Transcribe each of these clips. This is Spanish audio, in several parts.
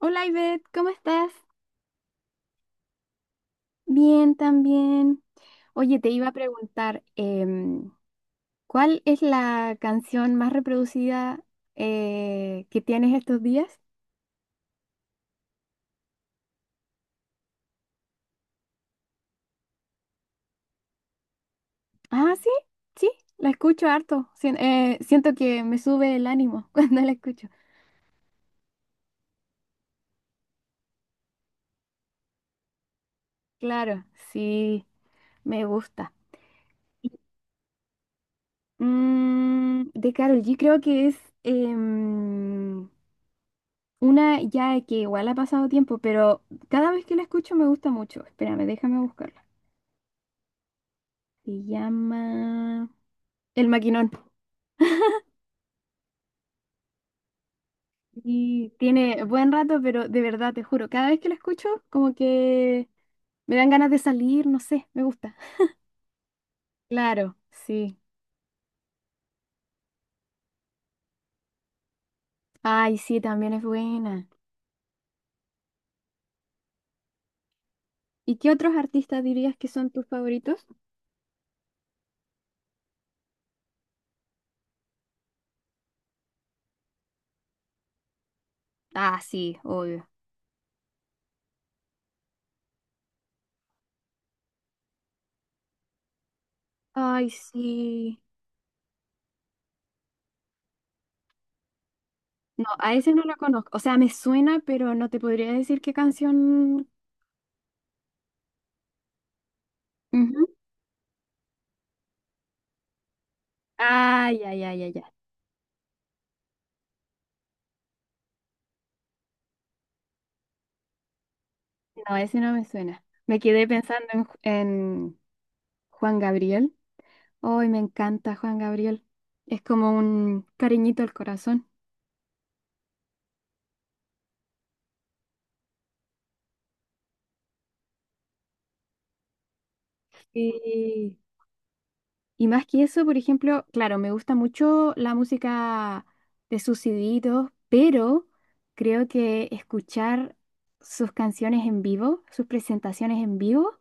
Hola Ivette, ¿cómo estás? Bien, también. Oye, te iba a preguntar, ¿cuál es la canción más reproducida que tienes estos días? Ah, sí, sí, la escucho harto. Siento que me sube el ánimo cuando la escucho. Claro, sí, me gusta. Mm, de Karol G creo que es em, una ya que igual ha pasado tiempo, pero cada vez que la escucho me gusta mucho. Espérame, déjame buscar. Se llama El Maquinón. Y tiene buen rato, pero de verdad, te juro, cada vez que la escucho, como que me dan ganas de salir, no sé, me gusta. Claro, sí. Ay, sí, también es buena. ¿Y qué otros artistas dirías que son tus favoritos? Ah, sí, obvio. Ay, sí. No, a ese no lo conozco. O sea, me suena, pero no te podría decir qué canción. Ujú. Ay, ay, ay, ay, ay. No, ese no me suena. Me quedé pensando en, en Juan Gabriel. Hoy me encanta Juan Gabriel. Es como un cariñito al corazón. Sí. Y más que eso, por ejemplo, claro, me gusta mucho la música de sus CDitos, pero creo que escuchar sus canciones en vivo, sus presentaciones en vivo,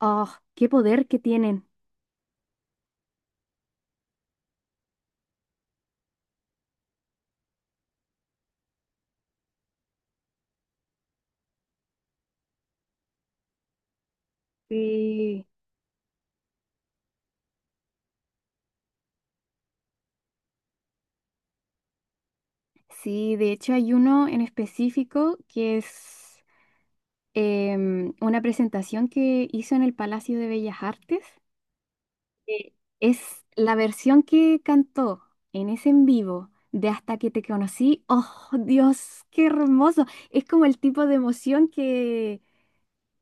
¡oh, qué poder que tienen! Sí, sí, de hecho hay uno en específico que es una presentación que hizo en el Palacio de Bellas Artes. Eh, Es la versión que cantó en ese en vivo de Hasta que te conocí. ¡Oh, Dios, qué hermoso! Es como el tipo de emoción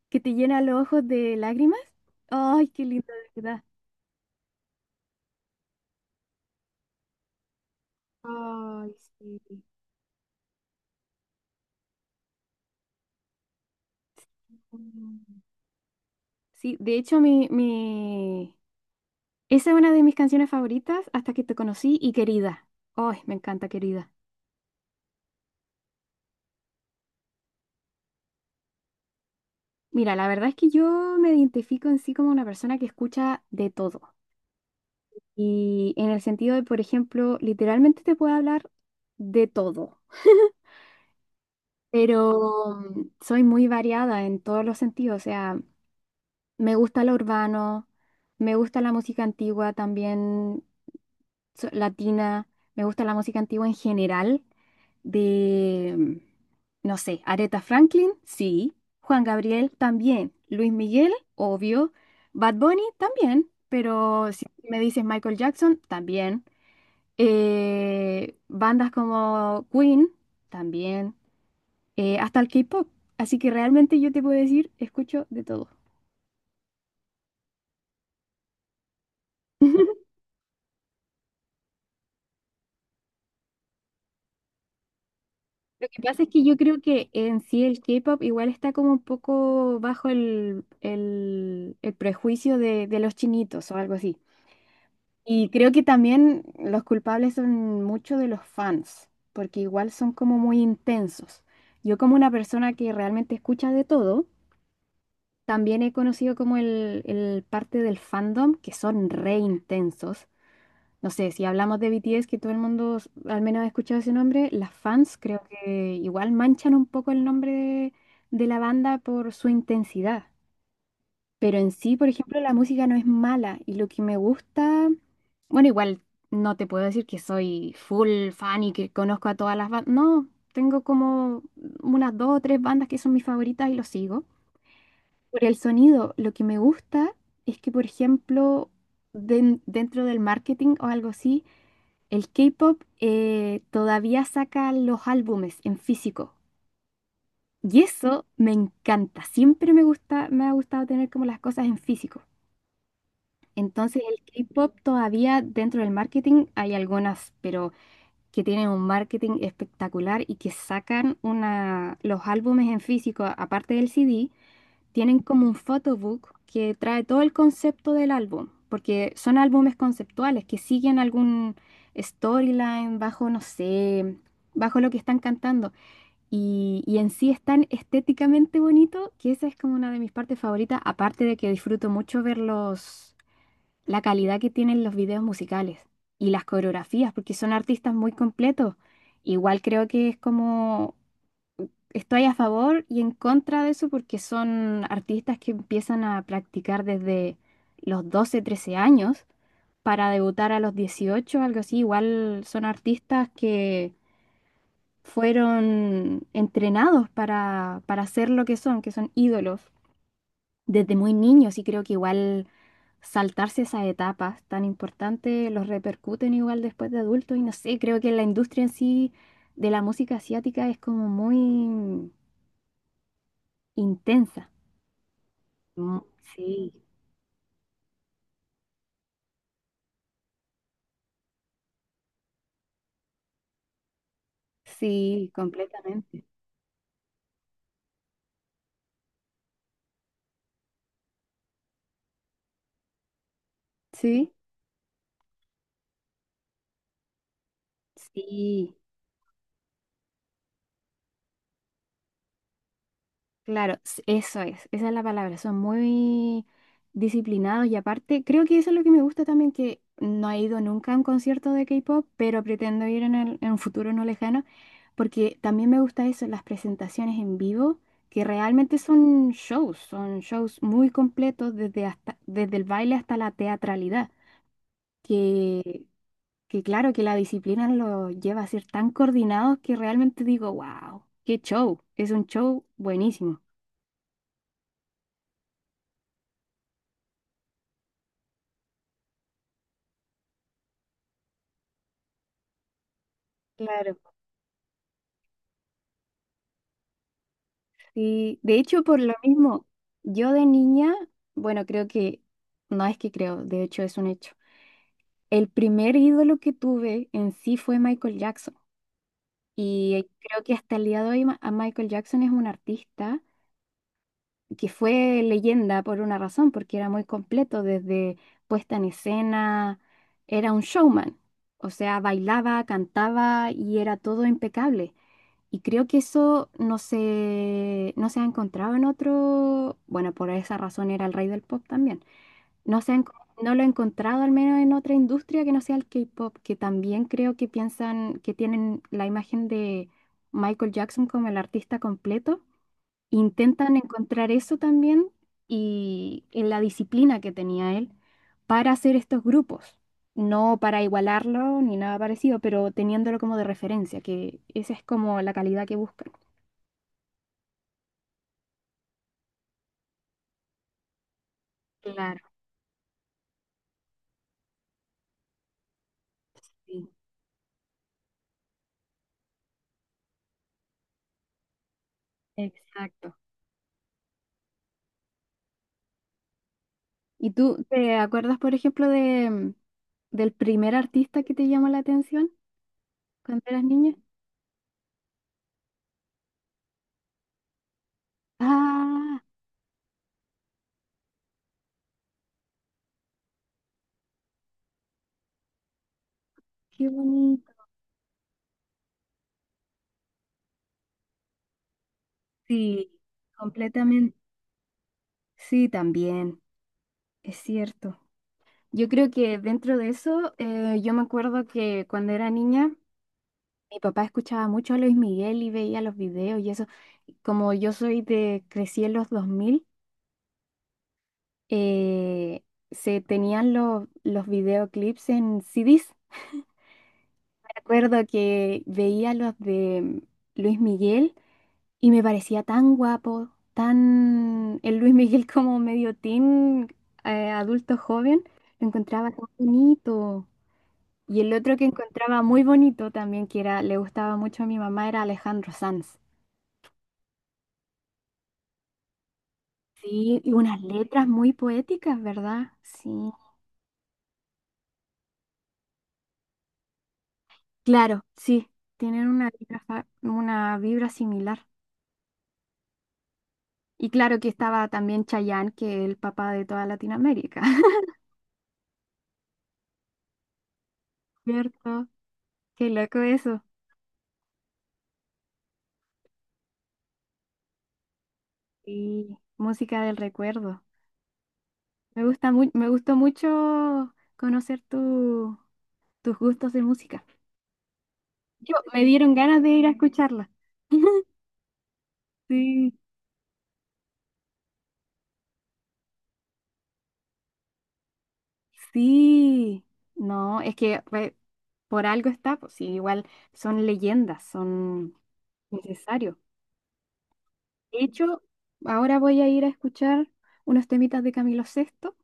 que te llena los ojos de lágrimas. ¡Ay, qué lindo, de verdad! Ay, sí. Mm. Sí, de hecho, mi... esa es una de mis canciones favoritas, Hasta que te conocí y Querida. ¡Ay, me encanta, Querida! Mira, la verdad es que yo me identifico en sí como una persona que escucha de todo. Y en el sentido de, por ejemplo, literalmente te puedo hablar de todo, pero soy muy variada en todos los sentidos. O sea, me gusta lo urbano, me gusta la música antigua también latina, me gusta la música antigua en general, de, no sé, Aretha Franklin, sí, Juan Gabriel también, Luis Miguel, obvio, Bad Bunny también, pero si me dices Michael Jackson, también. Bandas como Queen también, hasta el K-pop. Así que realmente yo te puedo decir, escucho de todo. Lo que pasa es que yo creo que en sí el K-pop igual está como un poco bajo el prejuicio de los chinitos o algo así. Y creo que también los culpables son muchos de los fans, porque igual son como muy intensos. Yo como una persona que realmente escucha de todo, también he conocido como el parte del fandom que son re intensos. No sé, si hablamos de BTS, que todo el mundo al menos ha escuchado ese nombre, las fans creo que igual manchan un poco el nombre de la banda por su intensidad. Pero en sí, por ejemplo, la música no es mala y lo que me gusta, bueno, igual no te puedo decir que soy full fan y que conozco a todas las bandas. No, tengo como unas dos o tres bandas que son mis favoritas y lo sigo. Por el sonido, lo que me gusta es que, por ejemplo, dentro del marketing o algo así, el K-pop todavía saca los álbumes en físico. Y eso me encanta. Siempre me gusta, me ha gustado tener como las cosas en físico. Entonces el K-pop todavía dentro del marketing hay algunas, pero que tienen un marketing espectacular y que sacan una, los álbumes en físico, aparte del CD, tienen como un photobook que trae todo el concepto del álbum, porque son álbumes conceptuales que siguen algún storyline bajo, no sé, bajo lo que están cantando. Y en sí es tan estéticamente bonito que esa es como una de mis partes favoritas, aparte de que disfruto mucho verlos la calidad que tienen los videos musicales y las coreografías, porque son artistas muy completos. Igual creo que es como, estoy a favor y en contra de eso porque son artistas que empiezan a practicar desde los 12 13 años para debutar a los 18 algo así. Igual son artistas que fueron entrenados para ser lo que son ídolos desde muy niños y creo que igual saltarse esas etapas tan importantes los repercuten igual después de adultos y no sé, creo que la industria en sí de la música asiática es como muy intensa. Mm, sí, sí, completamente. Sí, sí. Claro, eso es, esa es la palabra, son muy disciplinados y aparte, creo que eso es lo que me gusta también, que no he ido nunca a un concierto de K-pop, pero pretendo ir en, en un futuro no lejano, porque también me gusta eso, las presentaciones en vivo, que realmente son shows muy completos desde, hasta, desde el baile hasta la teatralidad, que, que claro que la disciplina lo lleva a ser tan coordinados que realmente digo, wow, qué show, es un show buenísimo. Claro. Sí, de hecho, por lo mismo, yo de niña, bueno, creo que, no es que creo, de hecho es un hecho. El primer ídolo que tuve en sí fue Michael Jackson. Y creo que hasta el día de hoy a Michael Jackson es un artista que fue leyenda por una razón, porque era muy completo, desde puesta en escena, era un showman. O sea, bailaba, cantaba y era todo impecable. Y creo que eso no se ha encontrado en otro, bueno, por esa razón era el rey del pop también. No se ha enco- no lo he encontrado al menos en otra industria que no sea el K-pop, que también creo que piensan que tienen la imagen de Michael Jackson como el artista completo. Intentan encontrar eso también y en la disciplina que tenía él para hacer estos grupos. No para igualarlo ni nada parecido, pero teniéndolo como de referencia, que esa es como la calidad que buscan. Claro, sí, exacto. ¿Y tú te acuerdas, por ejemplo, de, del primer artista que te llamó la atención cuando eras niña? Ah, qué bonito. Sí, completamente. Sí, también, es cierto. Yo creo que dentro de eso, yo me acuerdo que cuando era niña, mi papá escuchaba mucho a Luis Miguel y veía los videos y eso. Como yo soy de, crecí en los 2000. eh, Se tenían los videoclips en CDs. Me acuerdo que veía los de Luis Miguel y me parecía tan guapo, tan el Luis Miguel como medio teen, adulto joven, lo encontraba tan bonito. Y el otro que encontraba muy bonito también, que era, le gustaba mucho a mi mamá, era Alejandro Sanz. Sí, y unas letras muy poéticas, ¿verdad? Sí. Claro, sí, tienen una vibra, una vibra similar. Y claro que estaba también Chayanne, que es el papá de toda Latinoamérica. ¿Cierto? Qué loco eso. Y música del recuerdo. Me gustó mucho conocer tus gustos de música. Yo, me dieron ganas de ir a escucharla. Sí, sí. No, es que por algo está, pues sí, igual son leyendas, son necesarios. De hecho, ahora voy a ir a escuchar unos temitas de Camilo Sexto.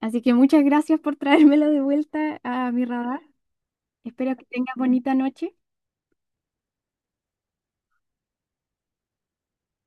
Así que muchas gracias por traérmelo de vuelta a mi radar. Espero que tengas bonita noche.